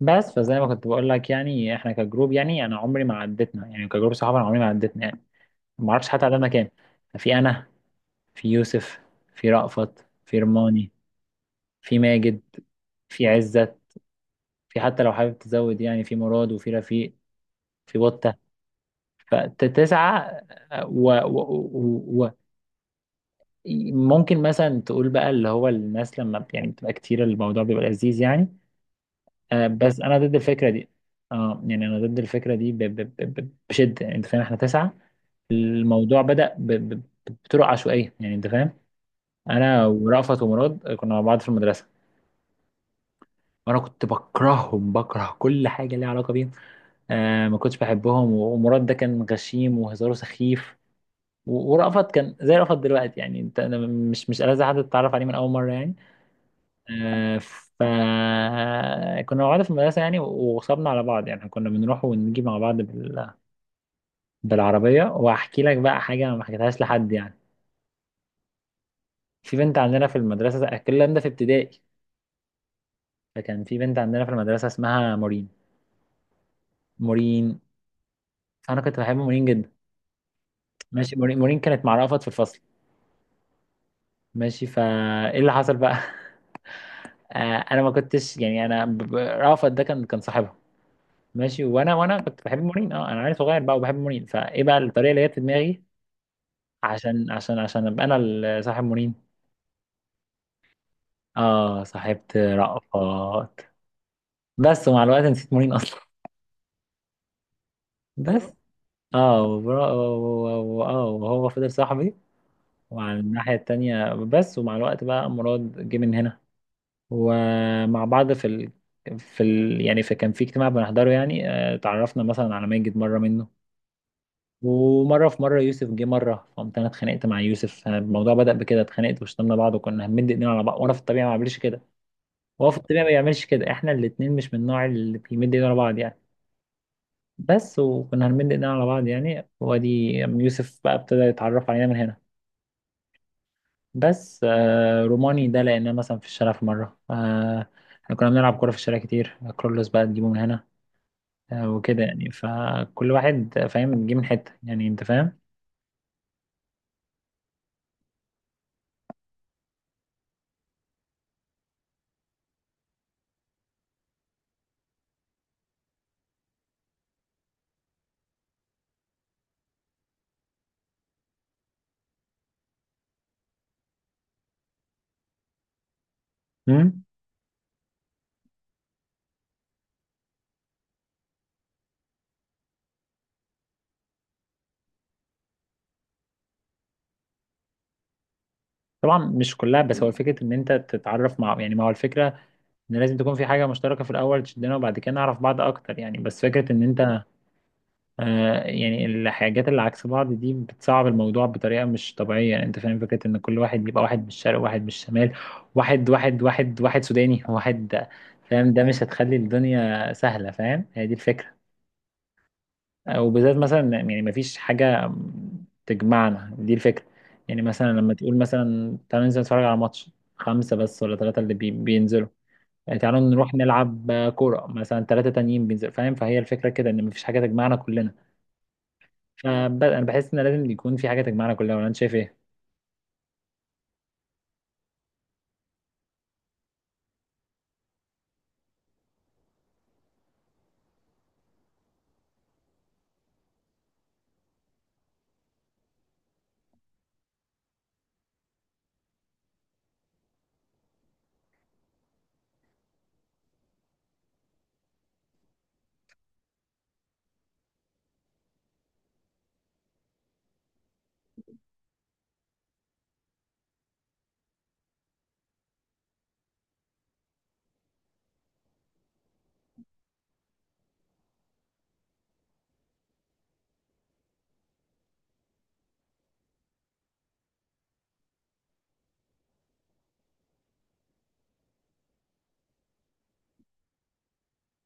بس فزي ما كنت بقول لك يعني احنا كجروب يعني انا عمري ما عدتنا يعني كجروب صحابه، انا عمري ما عدتنا يعني ما اعرفش حتى عددنا كام. في انا، في يوسف، في رأفت، في رماني، في ماجد، في عزت، في حتى لو حابب تزود يعني في مراد وفي رفيق، في بطة. فتسعة. و ممكن مثلا تقول بقى اللي هو الناس لما يعني بتبقى كتير الموضوع بيبقى لذيذ يعني. آه، بس انا ضد الفكرة دي. اه يعني انا ضد الفكرة دي بشدة. يعني انت فاهم احنا تسعة. الموضوع بدأ بطرق عشوائية. يعني انت فاهم، انا ورأفت ومراد كنا مع بعض في المدرسة، وانا كنت بكرههم، بكره كل حاجة ليها علاقة بيهم. آه ما كنتش بحبهم، ومراد ده كان غشيم وهزاره سخيف. ورأفت كان زي رأفت دلوقتي يعني، انت أنا مش ألذ حد تتعرف عليه من اول مرة يعني. آه ف كنا مع بعض في المدرسة يعني، وصبنا على بعض يعني، كنا بنروح ونجي مع بعض بالعربية. وهحكي لك بقى حاجة ما حكيتهاش لحد يعني. في بنت عندنا في المدرسة، الكلام ده في ابتدائي. فكان في بنت عندنا في المدرسة اسمها مورين. مورين. أنا كنت بحب مورين جدا. ماشي، مورين، مورين كانت مع رأفت في الفصل. ماشي، فإيه اللي حصل بقى؟ آه أنا ما كنتش يعني أنا رأفت ده كان صاحبها. ماشي، وأنا كنت بحب مورين. أه أنا عيل صغير بقى وبحب مورين، فإيه بقى الطريقة اللي جت في دماغي؟ عشان أبقى أنا صاحب مورين. أه صاحبت رأفت. بس ومع الوقت نسيت مورين أصلا. بس. اه اه وهو فضل صاحبي. وعلى الناحية التانية، بس ومع الوقت بقى أمراض جه من هنا. ومع بعض في يعني في كان في اجتماع بنحضره يعني، آه، اتعرفنا مثلا على ماجد مرة منه. ومرة في مرة يوسف جه مرة، فقمت أنا اتخانقت مع يوسف. آه، الموضوع بدأ بكده، اتخانقت وشتمنا بعض وكنا هنمد إيدينا على بعض. وأنا في الطبيعة ما بعملش كده، وهو في الطبيعة ما بيعملش كده، إحنا الاتنين مش من النوع اللي بيمد إيدينا على بعض يعني. بس وكنا هنمد إيدينا على بعض يعني، وأدي يوسف بقى ابتدى يتعرف علينا من هنا. بس آه روماني ده لقيناه مثلا في الشارع في مرة. آه احنا كنا بنلعب كورة في الشارع كتير، كرولوس بقى تجيبه من هنا. آه وكده يعني، فكل واحد فاهم جه من حتة. يعني انت فاهم. مم؟ طبعا مش كلها، بس هو فكرة ان انت تتعرف مع يعني، ما هو الفكرة ان لازم تكون في حاجة مشتركة في الاول تشدنا، وبعد كده نعرف بعض اكتر يعني. بس فكرة ان انت، آه، يعني الحاجات اللي عكس بعض دي بتصعب الموضوع بطريقة مش طبيعية. يعني انت فاهم فكرة ان كل واحد يبقى واحد من الشرق، واحد من الشمال، واحد واحد واحد واحد سوداني واحد، فاهم؟ ده مش هتخلي الدنيا سهلة، فاهم؟ هي دي الفكرة. آه، وبالذات مثلا يعني مفيش حاجة تجمعنا، دي الفكرة. يعني مثلا لما تقول مثلا تعالوا ننزل نتفرج على ماتش، خمسة بس ولا ثلاثة اللي بينزلوا. يعني تعالوا نروح نلعب آه، كورة مثلا، ثلاثة تانيين بينزلوا. فاهم؟ فهي الفكرة كده، ان مفيش حاجة تجمعنا كلنا. انا بحس ان لازم يكون في حاجه تجمعنا كلنا، ولا انت شايف ايه؟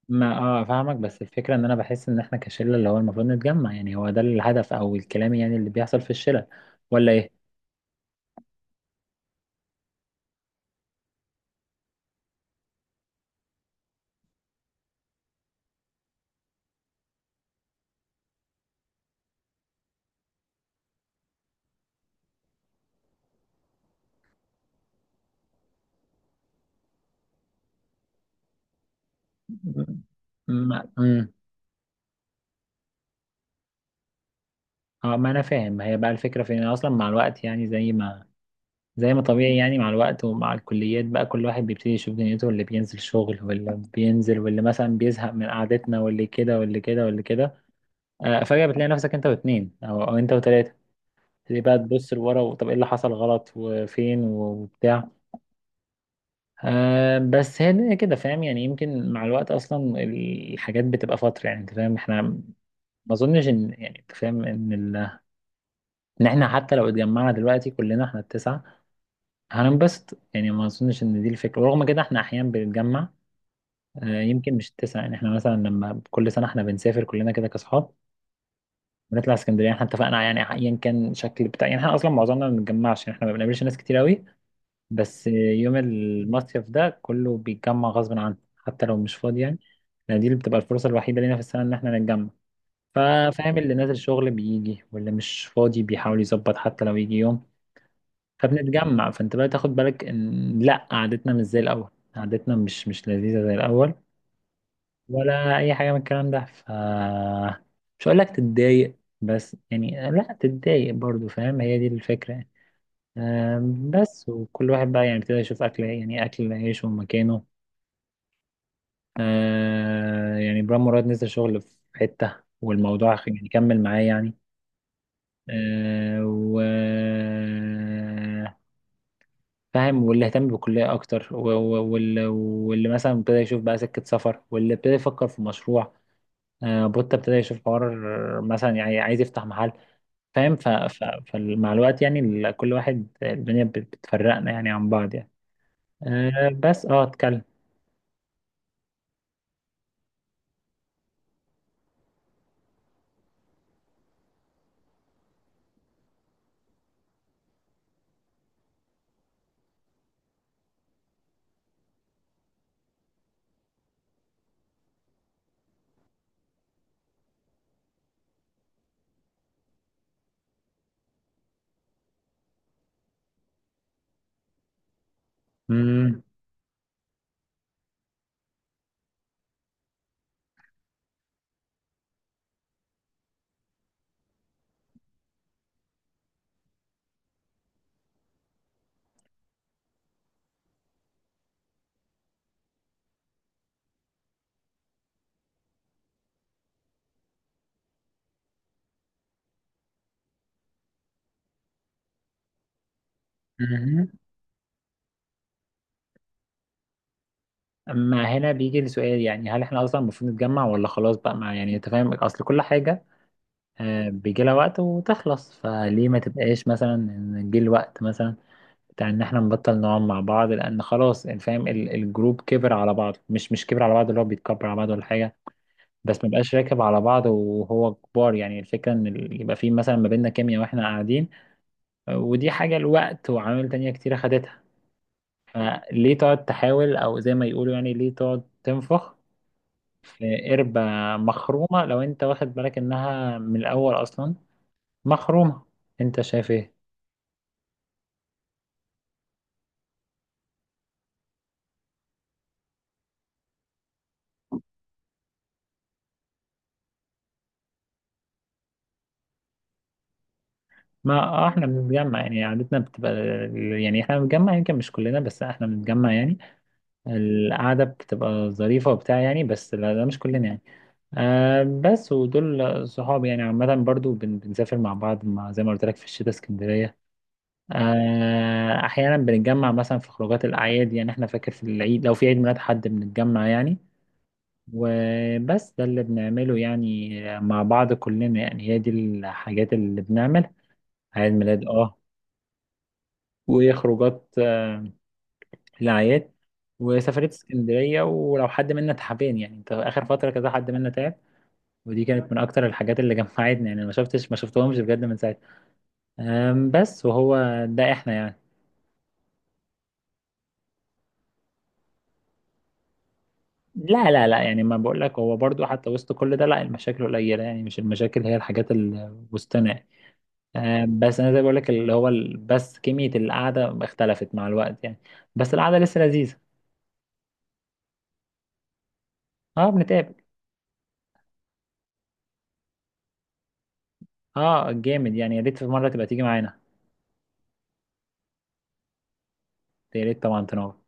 ما اه فاهمك، بس الفكره ان انا بحس ان احنا كشله اللي هو المفروض نتجمع. يعني هو ده الهدف او الكلام يعني اللي بيحصل في الشله، ولا ايه؟ ما اه ما انا فاهم. ما هي بقى الفكره في ان اصلا مع الوقت يعني، زي ما طبيعي يعني، مع الوقت ومع الكليات بقى كل واحد بيبتدي يشوف دنيته، اللي بينزل شغل واللي بينزل واللي مثلا بيزهق من قعدتنا واللي كده واللي كده واللي كده. آه فجاه بتلاقي نفسك انت واتنين او انت وتلاته، تبتدي بقى تبص لورا وطب ايه اللي حصل غلط وفين وبتاع. آه بس هي الدنيا كده، فاهم؟ يعني يمكن مع الوقت اصلا الحاجات بتبقى فتره يعني. انت فاهم احنا ما اظنش ان يعني انت فاهم ان ان احنا حتى لو اتجمعنا دلوقتي كلنا احنا التسعه هننبسط يعني، ما اظنش ان دي الفكره، ورغم كده احنا احيانا بنتجمع. آه يمكن مش التسعه، يعني احنا مثلا لما كل سنه احنا بنسافر كلنا كده كاصحاب، بنطلع اسكندريه، احنا اتفقنا يعني ايا كان شكل بتاع. يعني احنا اصلا معظمنا ما بنتجمعش يعني، احنا ما بنقابلش ناس كتير قوي، بس يوم المصيف ده كله بيتجمع غصب عنه حتى لو مش فاضي يعني. لأن دي اللي بتبقى الفرصة الوحيدة لينا في السنة إن إحنا نتجمع. ففاهم، اللي نازل شغل بيجي واللي مش فاضي بيحاول يظبط حتى لو يجي يوم، فبنتجمع. فأنت بقى تاخد بالك إن لأ، قعدتنا مش زي الأول. قعدتنا مش لذيذة زي الأول ولا أي حاجة من الكلام ده. ف مش هقول لك تتضايق، بس يعني لأ تتضايق برضو، فاهم؟ هي دي الفكرة يعني. آم، بس وكل واحد بقى يعني ابتدى يشوف أكل إيه، يعني أكل عيشه ومكانه. آه، يعني برام مراد نزل شغل في حتة والموضوع يعني كمل معاه يعني. آه، و فاهم، واللي اهتم بالكلية أكتر واللي مثلا ابتدى يشوف بقى سكة سفر، واللي ابتدى يفكر في مشروع. آه، بوتا ابتدى يشوف حوار مثلا يعني عايز يفتح محل. فاهم. فمع الوقت يعني، كل واحد الدنيا بتفرقنا يعني عن بعض يعني. آه، بس اه اتكلم. مم. مهم. اما هنا بيجي السؤال، يعني هل احنا اصلا المفروض نتجمع، ولا خلاص بقى؟ مع يعني انت فاهم اصل كل حاجه آه، بيجي لها وقت وتخلص. فليه ما تبقاش مثلا إن جه الوقت مثلا بتاع ان احنا نبطل نقعد مع بعض، لان خلاص يعني فاهم الجروب كبر على بعض، مش كبر على بعض اللي هو بيتكبر على بعض ولا حاجه، بس ما بقاش راكب على بعض وهو كبار يعني. الفكره ان يبقى في مثلا ما بيننا كيمياء واحنا قاعدين. آه، ودي حاجه الوقت وعوامل تانية كتير خدتها. فليه تقعد تحاول؟ او زي ما يقولوا يعني، ليه تقعد تنفخ في قربة مخرومة لو انت واخد بالك انها من الاول اصلا مخرومة؟ انت شايف ايه؟ ما آه، احنا بنتجمع يعني، قعدتنا بتبقى يعني، احنا بنتجمع يمكن مش كلنا، بس احنا بنتجمع يعني. القعدة بتبقى ظريفة وبتاع يعني، بس لا ده مش كلنا يعني. آه بس ودول صحابي يعني عامة، برضو بنسافر مع بعض مع زي ما قلت لك في الشتاء اسكندرية. آه، احيانا بنتجمع مثلا في خروجات الاعياد، يعني احنا فاكر في العيد لو في عيد ميلاد حد بنتجمع يعني. وبس ده اللي بنعمله يعني مع بعض كلنا، يعني هي دي الحاجات اللي بنعمل. عيد ميلاد اه، وخروجات آه، الاعياد، وسفرية اسكندرية، ولو حد منا تعبان يعني، انت اخر فترة كذا حد منا تعب، ودي كانت من اكتر الحاجات اللي جمعتنا يعني، ما شفتش ما شفتهمش بجد من ساعتها. آم، بس وهو ده احنا يعني. لا لا لا يعني ما بقول لك، هو برضو حتى وسط كل ده لا، المشاكل قليلة يعني، مش المشاكل هي الحاجات اللي وسطنا يعني. آه، بس انا زي بقول لك اللي هو بس كمية القعدة اختلفت مع الوقت يعني، بس القعدة لسه لذيذة. اه بنتقابل. اه جامد يعني، يا ريت في مرة تبقى تيجي معانا. يا ريت طبعا تنور.